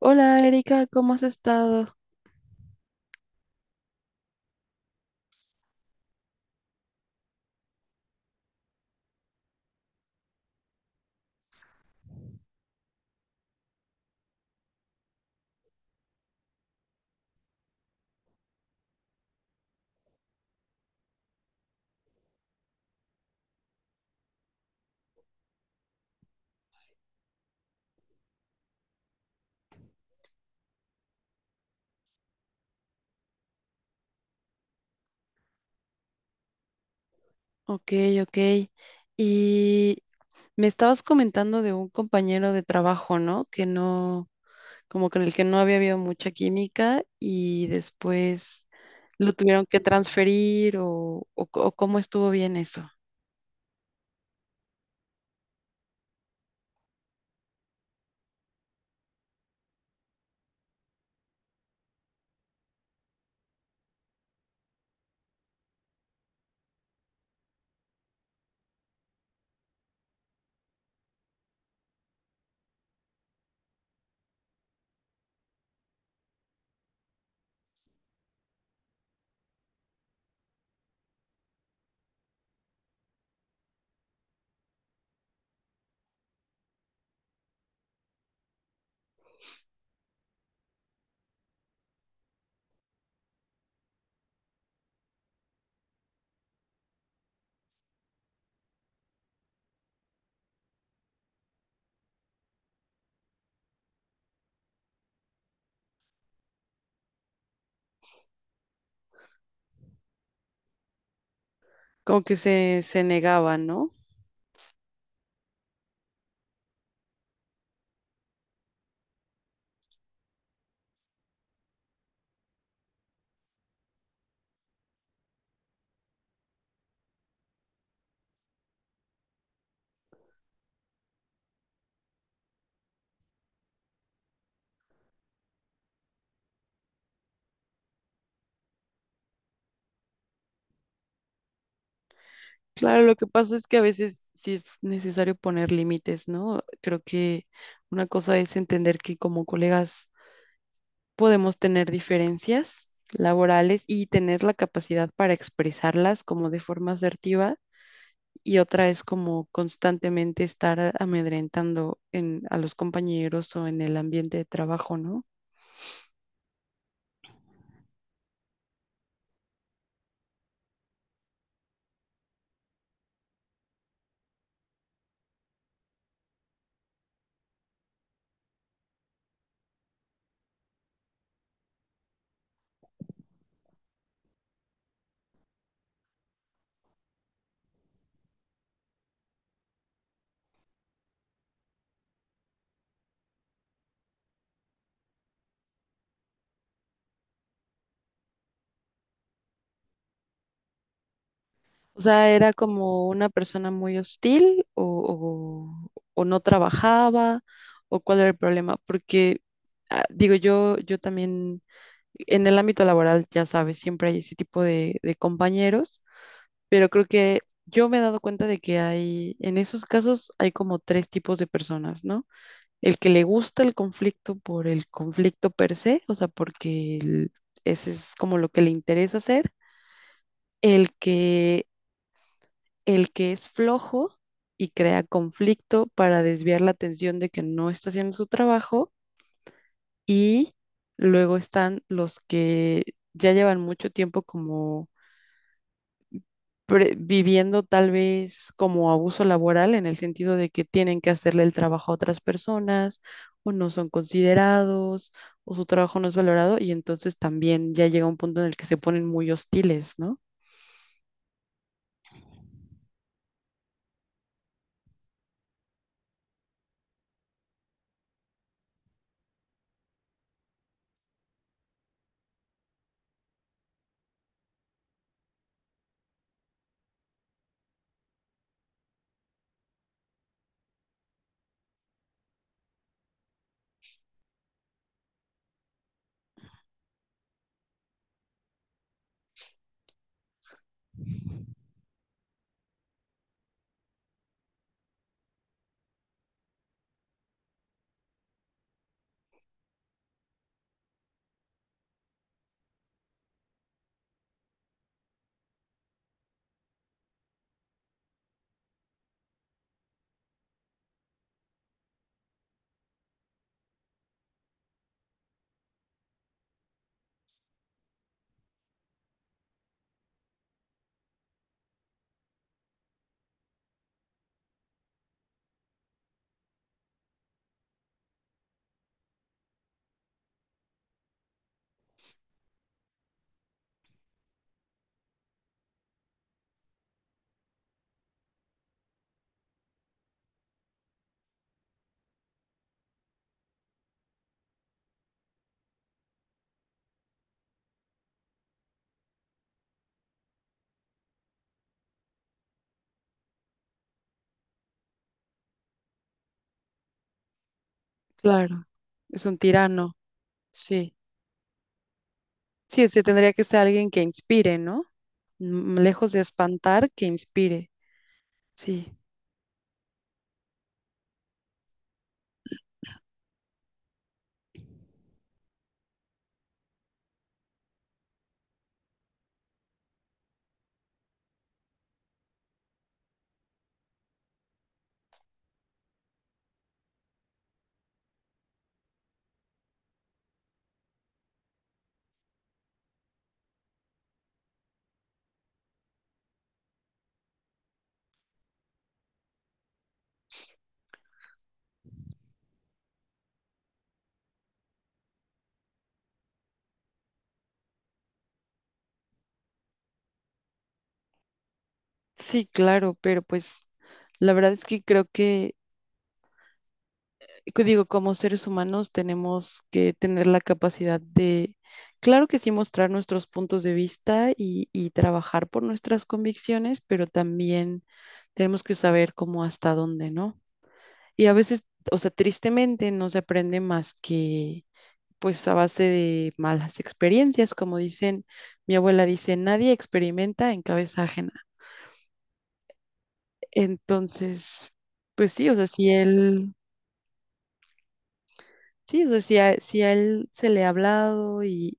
Hola, Erika, ¿cómo has estado? Ok, ok. Y me estabas comentando de un compañero de trabajo, ¿no? Que no, como con el que no había habido mucha química y después lo tuvieron que transferir o, o cómo estuvo bien eso. Como que se negaba, ¿no? Claro, lo que pasa es que a veces sí es necesario poner límites, ¿no? Creo que una cosa es entender que como colegas podemos tener diferencias laborales y tener la capacidad para expresarlas como de forma asertiva, y otra es como constantemente estar amedrentando en, a los compañeros o en el ambiente de trabajo, ¿no? O sea, ¿era como una persona muy hostil o, o no trabajaba o cuál era el problema? Porque ah, digo yo, yo también, en el ámbito laboral, ya sabes, siempre hay ese tipo de compañeros, pero creo que yo me he dado cuenta de que hay, en esos casos hay como tres tipos de personas, ¿no? El que le gusta el conflicto por el conflicto per se, o sea, porque ese es como lo que le interesa hacer; el que, el que es flojo y crea conflicto para desviar la atención de que no está haciendo su trabajo, y luego están los que ya llevan mucho tiempo como viviendo tal vez como abuso laboral, en el sentido de que tienen que hacerle el trabajo a otras personas o no son considerados o su trabajo no es valorado, y entonces también ya llega un punto en el que se ponen muy hostiles, ¿no? Claro, es un tirano, sí. Sí, sí, tendría que ser alguien que inspire, ¿no? Mm, lejos de espantar, que inspire. Sí, sí, claro, pero pues la verdad es que creo que digo, como seres humanos tenemos que tener la capacidad de, claro que sí, mostrar nuestros puntos de vista y trabajar por nuestras convicciones, pero también tenemos que saber cómo, hasta dónde, ¿no? Y a veces, o sea, tristemente no se aprende más que pues a base de malas experiencias. Como dicen, mi abuela dice, nadie experimenta en cabeza ajena. Entonces, pues sí, o sea, si él, sí, o sea, si a, si a él se le ha hablado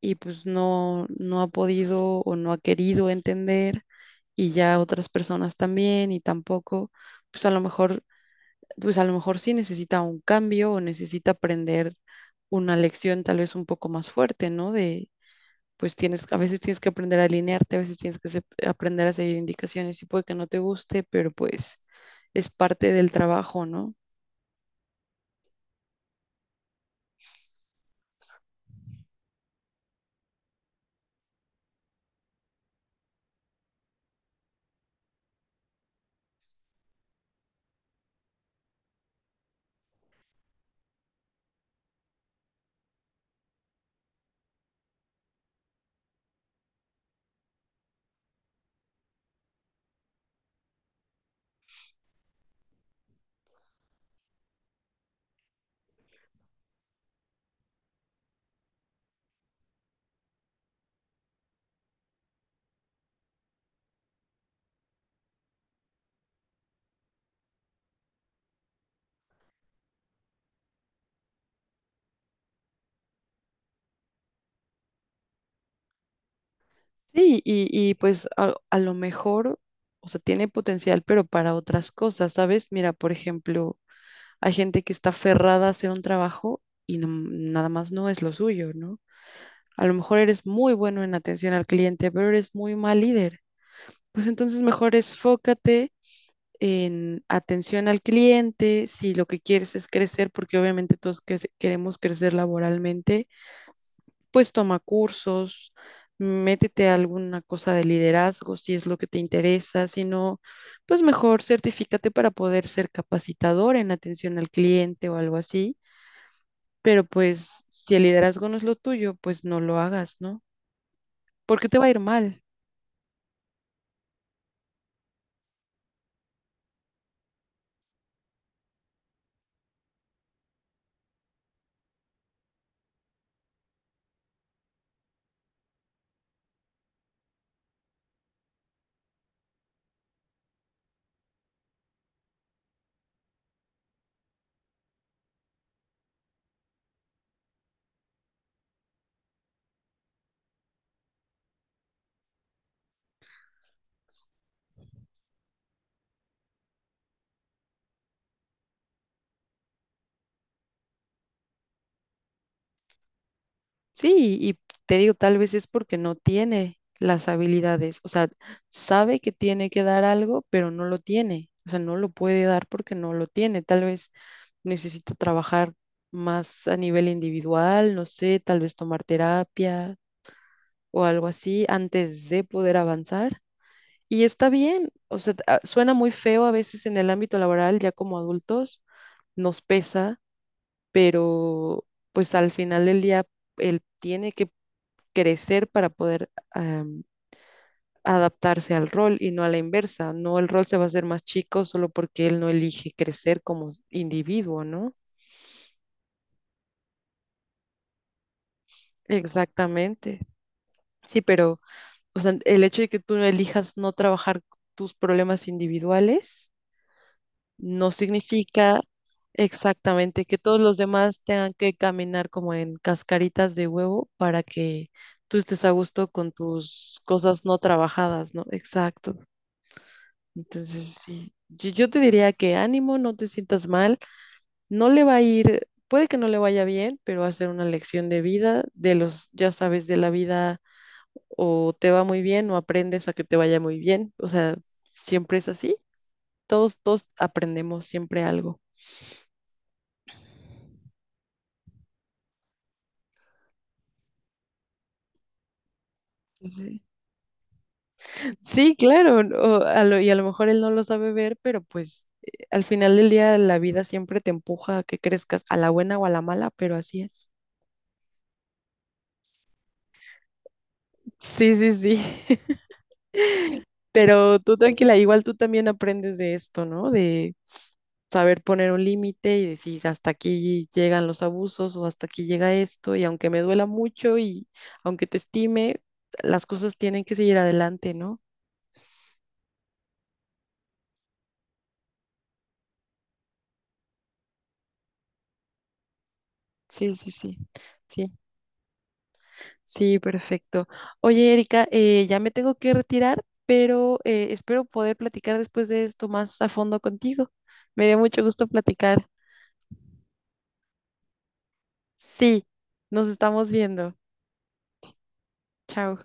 y pues no, no ha podido o no ha querido entender, y ya otras personas también y tampoco, pues a lo mejor, pues a lo mejor sí necesita un cambio o necesita aprender una lección tal vez un poco más fuerte, ¿no? De, pues tienes, a veces tienes que aprender a alinearte, a veces tienes que aprender a seguir indicaciones, y puede que no te guste, pero pues es parte del trabajo, ¿no? Sí, y pues a lo mejor, o sea, tiene potencial, pero para otras cosas, ¿sabes? Mira, por ejemplo, hay gente que está aferrada a hacer un trabajo y nada más no es lo suyo, ¿no? A lo mejor eres muy bueno en atención al cliente, pero eres muy mal líder. Pues entonces mejor esfócate en atención al cliente, si lo que quieres es crecer, porque obviamente todos queremos crecer laboralmente, pues toma cursos, métete a alguna cosa de liderazgo si es lo que te interesa, si no, pues mejor certifícate para poder ser capacitador en atención al cliente o algo así, pero pues si el liderazgo no es lo tuyo, pues no lo hagas, ¿no? Porque te va a ir mal. Sí, y te digo, tal vez es porque no tiene las habilidades, o sea, sabe que tiene que dar algo, pero no lo tiene, o sea, no lo puede dar porque no lo tiene, tal vez necesita trabajar más a nivel individual, no sé, tal vez tomar terapia o algo así antes de poder avanzar. Y está bien, o sea, suena muy feo a veces en el ámbito laboral, ya como adultos, nos pesa, pero pues al final del día él tiene que crecer para poder um, adaptarse al rol y no a la inversa. No, el rol se va a hacer más chico solo porque él no elige crecer como individuo, ¿no? Exactamente. Sí, pero o sea, el hecho de que tú no elijas no trabajar tus problemas individuales no significa exactamente que todos los demás tengan que caminar como en cascaritas de huevo para que tú estés a gusto con tus cosas no trabajadas, ¿no? Exacto. Entonces, sí, yo te diría que ánimo, no te sientas mal, no le va a ir, puede que no le vaya bien, pero va a ser una lección de vida, de los, ya sabes, de la vida, o te va muy bien o aprendes a que te vaya muy bien, o sea, siempre es así, todos, todos aprendemos siempre algo. Sí, sí, claro, o y a lo mejor él no lo sabe ver, pero pues al final del día la vida siempre te empuja a que crezcas a la buena o a la mala, pero así es. Sí, sí, sí. Pero tú tranquila, igual tú también aprendes de esto, ¿no? De saber poner un límite y decir hasta aquí llegan los abusos o hasta aquí llega esto, y aunque me duela mucho y aunque te estime, las cosas tienen que seguir adelante, ¿no? Sí, sí, sí, sí, sí, perfecto. Oye, Erika, ya me tengo que retirar, pero espero poder platicar después de esto más a fondo contigo. Me dio mucho gusto platicar. Sí, nos estamos viendo. Chao.